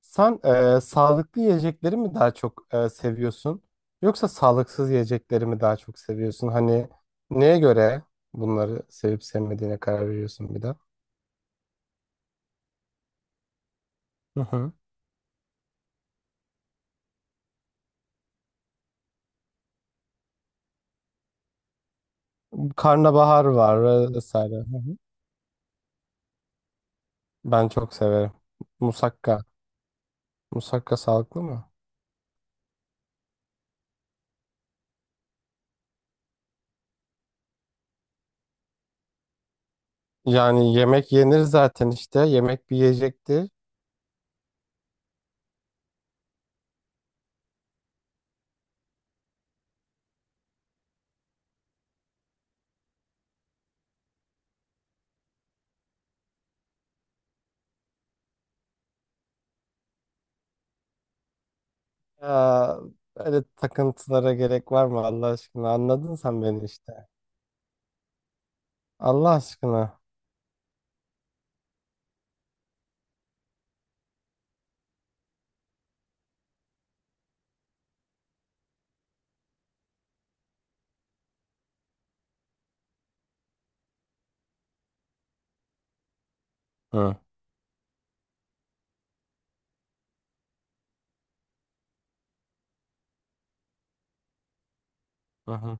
Sen sağlıklı yiyecekleri mi daha çok seviyorsun yoksa sağlıksız yiyecekleri mi daha çok seviyorsun? Hani neye göre bunları sevip sevmediğine karar veriyorsun bir de? Hı hı. Karnabahar var, vesaire. Hı hı. Ben çok severim. Musakka. Musakka sağlıklı mı? Yani yemek yenir zaten işte. Yemek bir yiyecekti. Ya böyle takıntılara gerek var mı Allah aşkına? Anladın sen beni işte. Allah aşkına. Hı. Hı hı.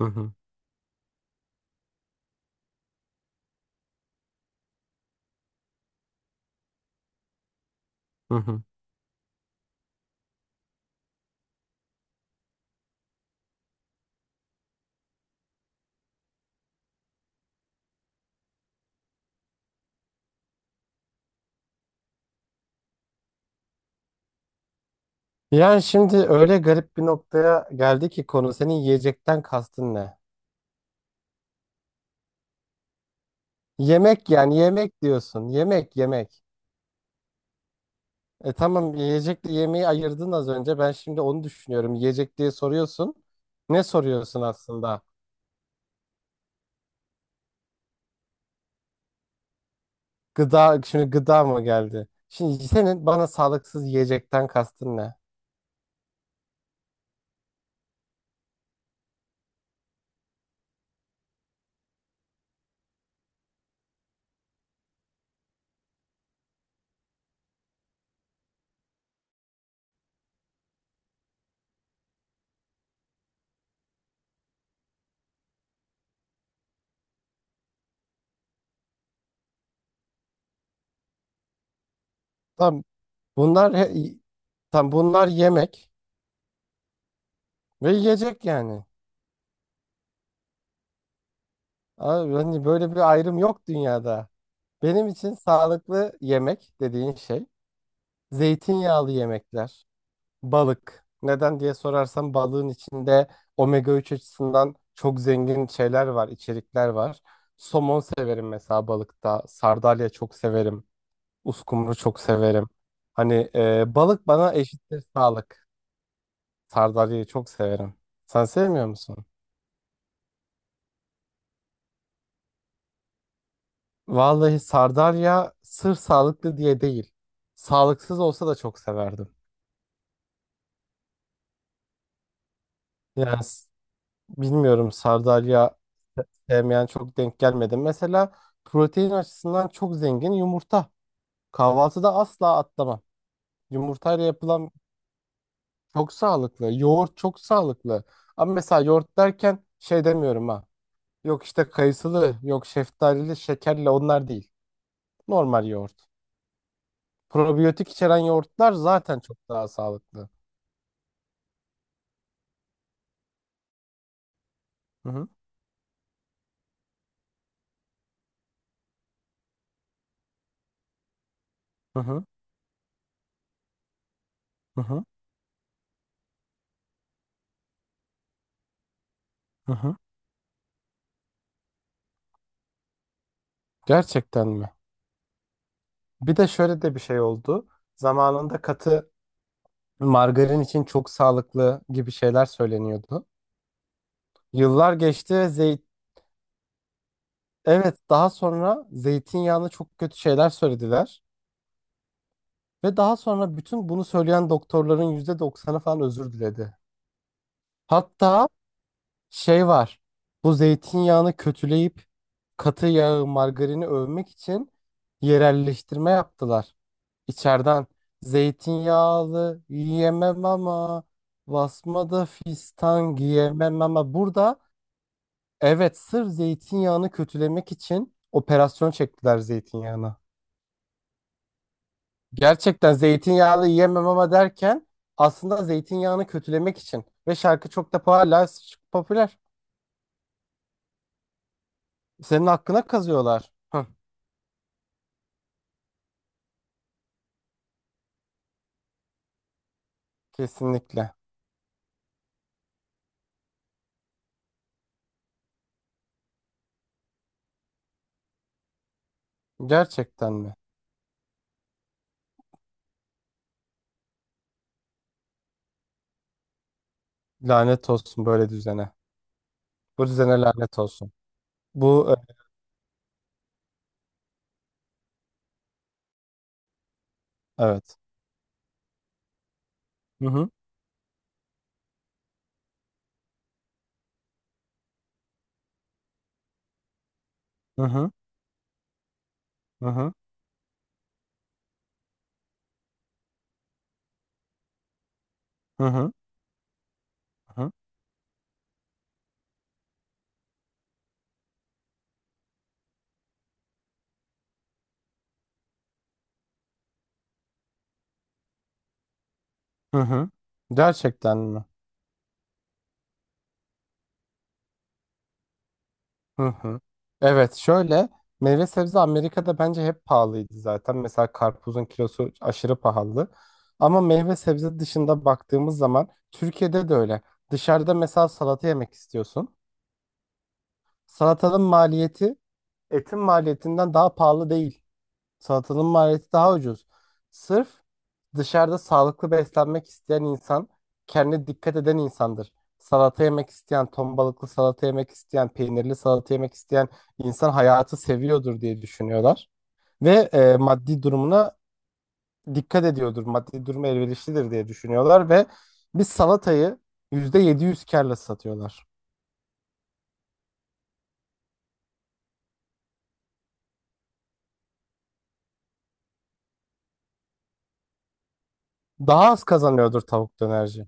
Hı hı. Hı hı. Yani şimdi öyle garip bir noktaya geldi ki konu, senin yiyecekten kastın ne? Yemek, yani yemek diyorsun. Yemek yemek. E tamam, yiyecekle yemeği ayırdın az önce. Ben şimdi onu düşünüyorum. Yiyecek diye soruyorsun. Ne soruyorsun aslında? Gıda, şimdi gıda mı geldi? Şimdi senin bana sağlıksız yiyecekten kastın ne? Tam bunlar he- tam bunlar yemek ve yiyecek yani. Abi, hani böyle bir ayrım yok dünyada. Benim için sağlıklı yemek dediğin şey zeytinyağlı yemekler, balık. Neden diye sorarsam, balığın içinde omega 3 açısından çok zengin şeyler var, içerikler var. Somon severim mesela balıkta. Sardalya çok severim. Uskumru çok severim. Hani balık bana eşittir sağlık. Sardalyayı çok severim. Sen sevmiyor musun? Vallahi sardalya sırf sağlıklı diye değil. Sağlıksız olsa da çok severdim. Yani s- Bilmiyorum, sardalya sevmeyen çok denk gelmedi. Mesela protein açısından çok zengin yumurta. Kahvaltıda asla atlamam. Yumurtayla yapılan çok sağlıklı. Yoğurt çok sağlıklı. Ama mesela yoğurt derken şey demiyorum ha. Yok işte kayısılı, yok şeftalili, şekerli onlar değil. Normal yoğurt. Probiyotik içeren yoğurtlar zaten çok daha sağlıklı. Hı hı, hı hı, hı hı. Hı hı. Gerçekten mi? Bir de şöyle de bir şey oldu. Zamanında margarin için çok sağlıklı gibi şeyler söyleniyordu. Yıllar geçti. Evet, daha sonra zeytinyağına çok kötü şeyler söylediler. Ve daha sonra bütün bunu söyleyen doktorların %90'ı falan özür diledi. Hatta şey var. Bu zeytinyağını kötüleyip katı yağı, margarini övmek için yerelleştirme yaptılar. İçeriden zeytinyağlı yiyemem ama, basmada fistan giyemem ama burada. Evet, sırf zeytinyağını kötülemek için operasyon çektiler zeytinyağına. Gerçekten zeytinyağlı yiyemem ama derken aslında zeytinyağını kötülemek için. Ve şarkı çok da hala popüler. Senin hakkına kazıyorlar. Hı, kesinlikle. Gerçekten mi? Lanet olsun böyle düzene. Bu düzene lanet olsun. Bu evet. Hı hı. Hı hı. Hı hı. Hı hı. Hı hı. Hı hı. Gerçekten mi? Hı hı. Evet, şöyle, meyve sebze Amerika'da bence hep pahalıydı zaten. Mesela karpuzun kilosu aşırı pahalı. Ama meyve sebze dışında baktığımız zaman Türkiye'de de öyle. Dışarıda mesela salata yemek istiyorsun. Salatanın maliyeti etin maliyetinden daha pahalı değil. Salatanın maliyeti daha ucuz. Sırf dışarıda sağlıklı beslenmek isteyen insan, kendine dikkat eden insandır. Salata yemek isteyen, ton balıklı salata yemek isteyen, peynirli salata yemek isteyen insan hayatı seviyordur diye düşünüyorlar. Ve maddi durumuna dikkat ediyordur. Maddi durumu elverişlidir diye düşünüyorlar ve bir salatayı %700 kârla satıyorlar. Daha az kazanıyordur tavuk dönerci.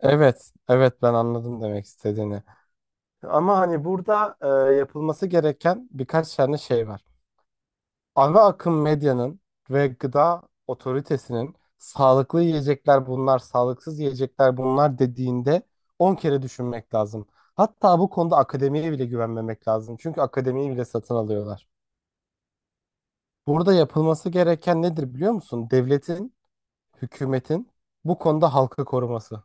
Evet, evet ben anladım demek istediğini. Ama hani burada, yapılması gereken birkaç tane şey var. Ana akım medyanın ve gıda otoritesinin sağlıklı yiyecekler bunlar, sağlıksız yiyecekler bunlar dediğinde 10 kere düşünmek lazım. Hatta bu konuda akademiye bile güvenmemek lazım. Çünkü akademiyi bile satın alıyorlar. Burada yapılması gereken nedir biliyor musun? Devletin, hükümetin bu konuda halkı koruması.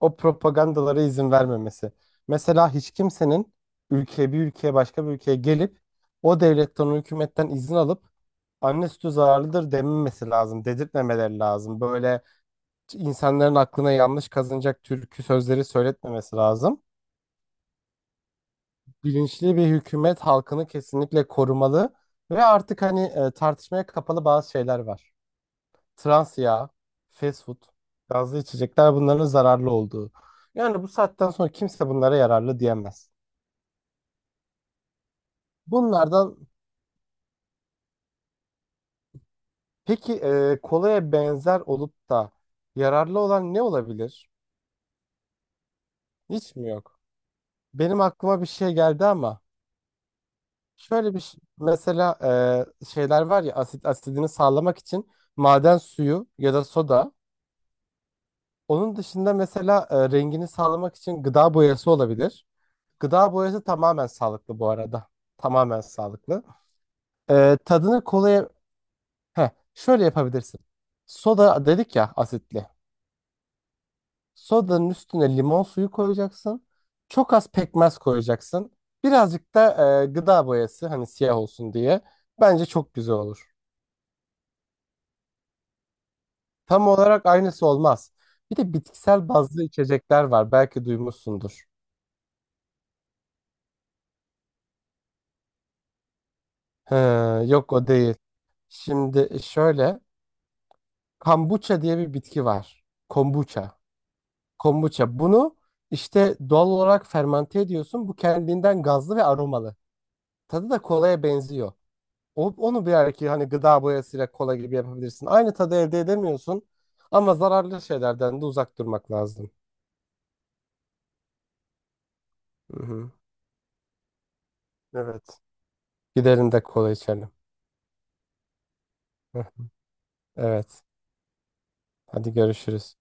O propagandalara izin vermemesi. Mesela hiç kimsenin ülkeye, bir ülkeye, başka bir ülkeye gelip o devletten, o hükümetten izin alıp anne sütü zararlıdır dememesi lazım. Dedirtmemeleri lazım. Böyle insanların aklına yanlış kazınacak türkü sözleri söyletmemesi lazım. Bilinçli bir hükümet halkını kesinlikle korumalı ve artık hani, tartışmaya kapalı bazı şeyler var. Trans yağ, fast food, gazlı içecekler, bunların zararlı olduğu. Yani bu saatten sonra kimse bunlara yararlı diyemez. Bunlardan peki, kolaya benzer olup da yararlı olan ne olabilir? Hiç mi yok? Benim aklıma bir şey geldi ama mesela, şeyler var ya, asit asidini sağlamak için maden suyu ya da soda. Onun dışında mesela rengini sağlamak için gıda boyası olabilir. Gıda boyası tamamen sağlıklı bu arada. Tamamen sağlıklı. Tadını kolaya... Heh, şöyle yapabilirsin. Soda dedik ya, asitli. Sodanın üstüne limon suyu koyacaksın. Çok az pekmez koyacaksın. Birazcık da gıda boyası, hani siyah olsun diye. Bence çok güzel olur. Tam olarak aynısı olmaz. Bir de bitkisel bazlı içecekler var. Belki duymuşsundur. He, yok o değil. Şimdi şöyle. Kombucha diye bir bitki var. Kombucha. Kombuça. Bunu işte doğal olarak fermante ediyorsun. Bu kendinden gazlı ve aromalı. Tadı da kolaya benziyor. O, onu belki hani gıda boyasıyla kola gibi yapabilirsin. Aynı tadı elde edemiyorsun. Ama zararlı şeylerden de uzak durmak lazım. Hı hı. Evet. Gidelim de kola içelim. Hı. Evet. Hadi görüşürüz.